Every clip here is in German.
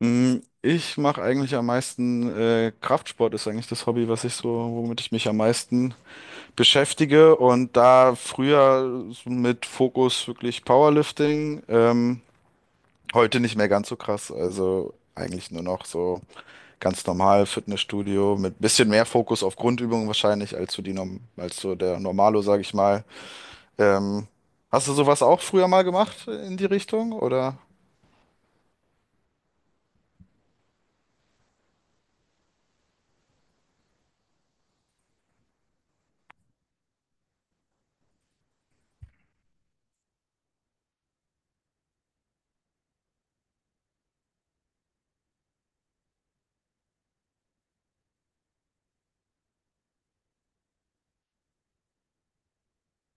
Ich mache eigentlich am meisten Kraftsport ist eigentlich das Hobby, womit ich mich am meisten beschäftige. Und da früher so mit Fokus wirklich Powerlifting, heute nicht mehr ganz so krass. Also eigentlich nur noch so ganz normal Fitnessstudio mit bisschen mehr Fokus auf Grundübungen wahrscheinlich als so die Norm als so der Normalo, sag ich mal. Ähm, Hast du sowas auch früher mal gemacht in die Richtung oder?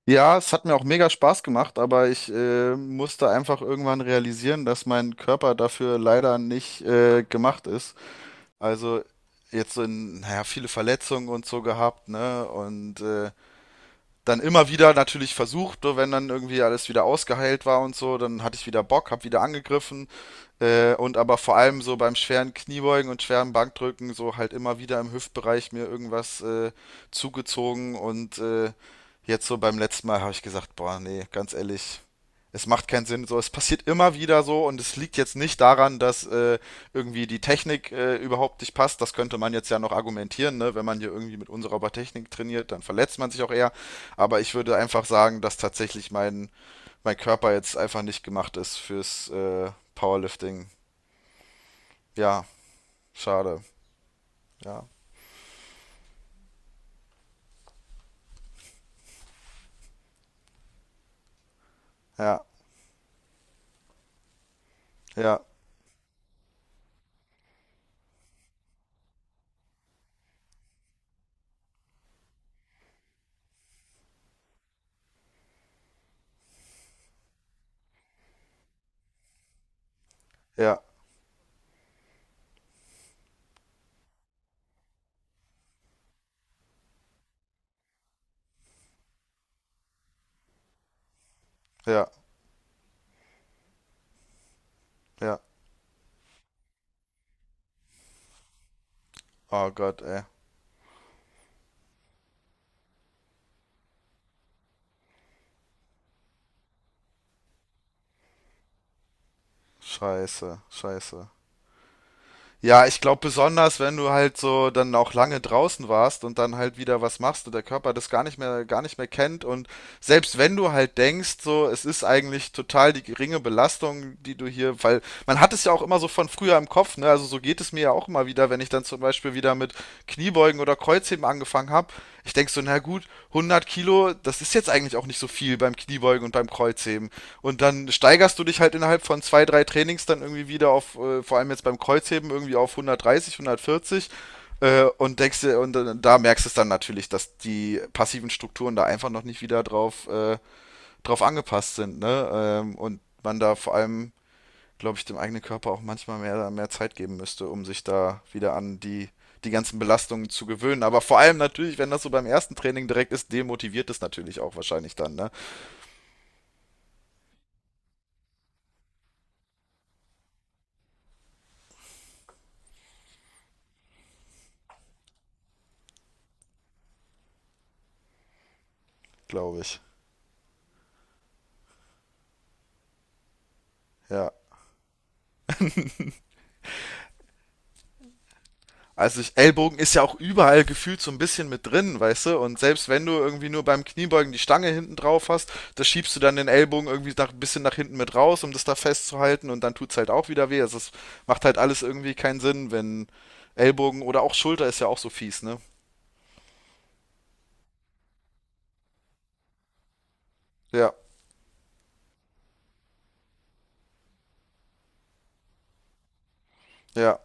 Ja, es hat mir auch mega Spaß gemacht, aber ich musste einfach irgendwann realisieren, dass mein Körper dafür leider nicht gemacht ist. Also jetzt so naja, viele Verletzungen und so gehabt, ne? Und dann immer wieder natürlich versucht, so wenn dann irgendwie alles wieder ausgeheilt war und so, dann hatte ich wieder Bock, hab wieder angegriffen. Und aber vor allem so beim schweren Kniebeugen und schweren Bankdrücken so halt immer wieder im Hüftbereich mir irgendwas zugezogen und jetzt so beim letzten Mal habe ich gesagt, boah, nee, ganz ehrlich, es macht keinen Sinn. So, es passiert immer wieder so und es liegt jetzt nicht daran, dass irgendwie die Technik überhaupt nicht passt. Das könnte man jetzt ja noch argumentieren, ne? Wenn man hier irgendwie mit unsauberer Technik trainiert, dann verletzt man sich auch eher. Aber ich würde einfach sagen, dass tatsächlich mein Körper jetzt einfach nicht gemacht ist fürs Powerlifting. Ja, schade. Ja, ja, ja, ja, ja, ja. Oh Gott, ey. Scheiße, scheiße. Ja, ich glaube besonders, wenn du halt so dann auch lange draußen warst und dann halt wieder was machst und der Körper das gar nicht mehr kennt und selbst wenn du halt denkst, so, es ist eigentlich total die geringe Belastung, die du hier, weil man hat es ja auch immer so von früher im Kopf, ne? Also so geht es mir ja auch immer wieder, wenn ich dann zum Beispiel wieder mit Kniebeugen oder Kreuzheben angefangen habe. Ich denk so, na gut, 100 Kilo, das ist jetzt eigentlich auch nicht so viel beim Kniebeugen und beim Kreuzheben. Und dann steigerst du dich halt innerhalb von zwei, drei Trainings dann irgendwie wieder auf, vor allem jetzt beim Kreuzheben, irgendwie auf 130, 140 und denkst dir, da merkst du es dann natürlich, dass die passiven Strukturen da einfach noch nicht wieder drauf angepasst sind, ne? Und man da vor allem, glaube ich, dem eigenen Körper auch manchmal mehr Zeit geben müsste, um sich da wieder an die ganzen Belastungen zu gewöhnen. Aber vor allem natürlich, wenn das so beim ersten Training direkt ist, demotiviert es natürlich auch wahrscheinlich dann, ne? Glaube ich. Ja. Ellbogen ist ja auch überall gefühlt so ein bisschen mit drin, weißt du? Und selbst wenn du irgendwie nur beim Kniebeugen die Stange hinten drauf hast, da schiebst du dann den Ellbogen irgendwie ein bisschen nach hinten mit raus, um das da festzuhalten und dann tut's halt auch wieder weh. Also es macht halt alles irgendwie keinen Sinn, wenn Ellbogen oder auch Schulter ist ja auch so fies, ne? Ja, ja,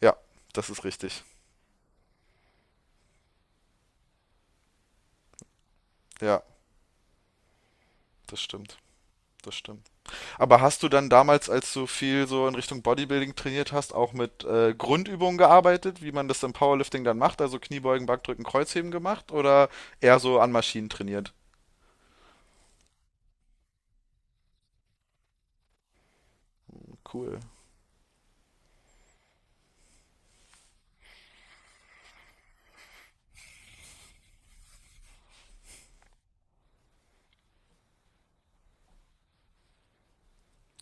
ja, das ist richtig. Ja, das stimmt, das stimmt. Aber hast du dann damals, als du viel so in Richtung Bodybuilding trainiert hast, auch mit Grundübungen gearbeitet, wie man das im Powerlifting dann macht? Also Kniebeugen, Bankdrücken, Kreuzheben gemacht oder eher so an Maschinen trainiert? Cool.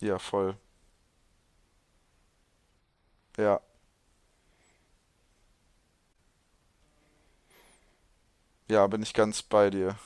Ja, voll. Ja, ja, bin ich ganz bei dir.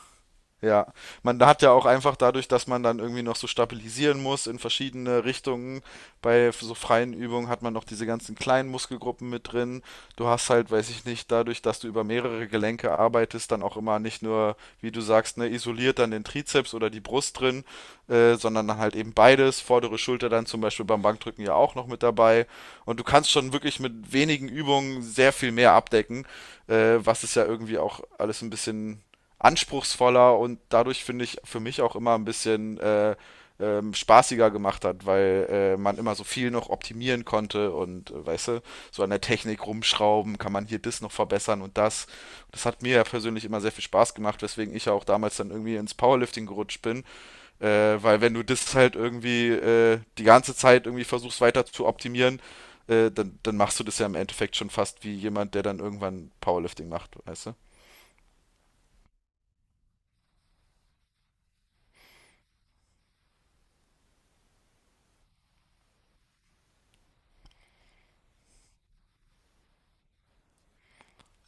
Ja, man hat ja auch einfach dadurch, dass man dann irgendwie noch so stabilisieren muss in verschiedene Richtungen, bei so freien Übungen hat man noch diese ganzen kleinen Muskelgruppen mit drin. Du hast halt, weiß ich nicht, dadurch, dass du über mehrere Gelenke arbeitest, dann auch immer nicht nur, wie du sagst, ne, isoliert dann den Trizeps oder die Brust drin, sondern dann halt eben beides, vordere Schulter dann zum Beispiel beim Bankdrücken ja auch noch mit dabei. Und du kannst schon wirklich mit wenigen Übungen sehr viel mehr abdecken, was es ja irgendwie auch alles ein bisschen anspruchsvoller und dadurch finde ich für mich auch immer ein bisschen spaßiger gemacht hat, weil man immer so viel noch optimieren konnte und weißt du, so an der Technik rumschrauben, kann man hier das noch verbessern und das. Das hat mir ja persönlich immer sehr viel Spaß gemacht, weswegen ich ja auch damals dann irgendwie ins Powerlifting gerutscht bin, weil wenn du das halt irgendwie die ganze Zeit irgendwie versuchst weiter zu optimieren, dann machst du das ja im Endeffekt schon fast wie jemand, der dann irgendwann Powerlifting macht, weißt du?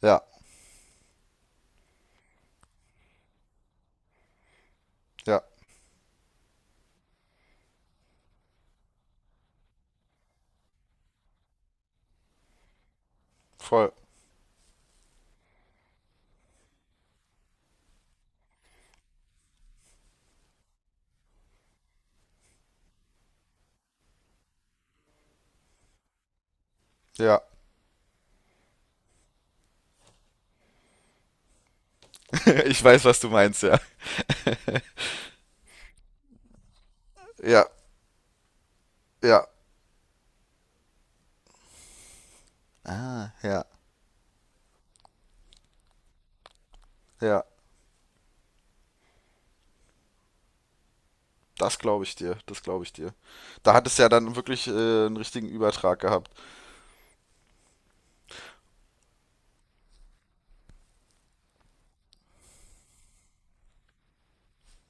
Ja, ja, voll. Ja, ich weiß, was du meinst, ja. Ja, ja, ja, ja. Das glaube ich dir, das glaube ich dir. Da hat es ja dann wirklich einen richtigen Übertrag gehabt.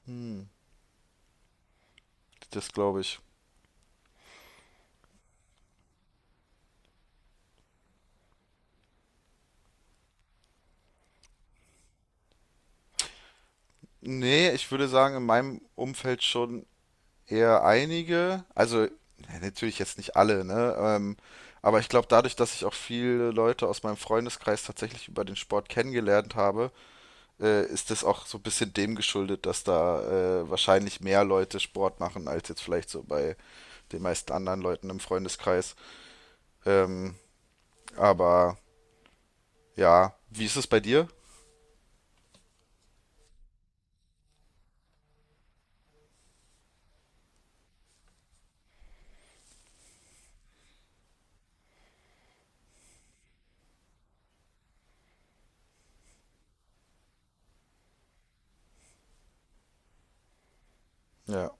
Hm. Das glaube ich. Nee, ich würde sagen, in meinem Umfeld schon eher einige. Also, ja, natürlich jetzt nicht alle, ne? Aber ich glaube, dadurch, dass ich auch viele Leute aus meinem Freundeskreis tatsächlich über den Sport kennengelernt habe, ist das auch so ein bisschen dem geschuldet, dass da wahrscheinlich mehr Leute Sport machen, als jetzt vielleicht so bei den meisten anderen Leuten im Freundeskreis. Ähm, aber ja, wie ist es bei dir? Ja,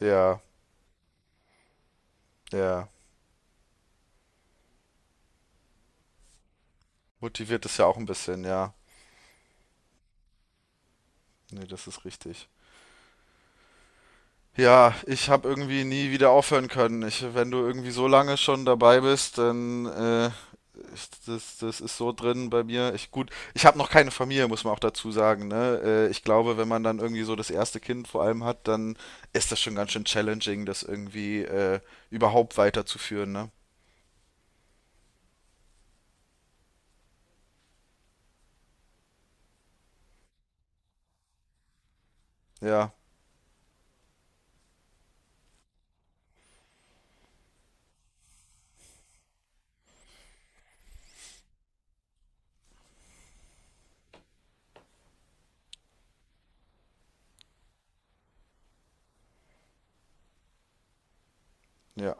ja, ja. Motiviert es ja auch ein bisschen, ja. Nee, das ist richtig. Ja, ich habe irgendwie nie wieder aufhören können. Wenn du irgendwie so lange schon dabei bist, dann das ist so drin bei mir. Ich gut, ich habe noch keine Familie, muss man auch dazu sagen. Ne? Ich glaube, wenn man dann irgendwie so das erste Kind vor allem hat, dann ist das schon ganz schön challenging, das irgendwie überhaupt weiterzuführen. Ne? Ja, ja.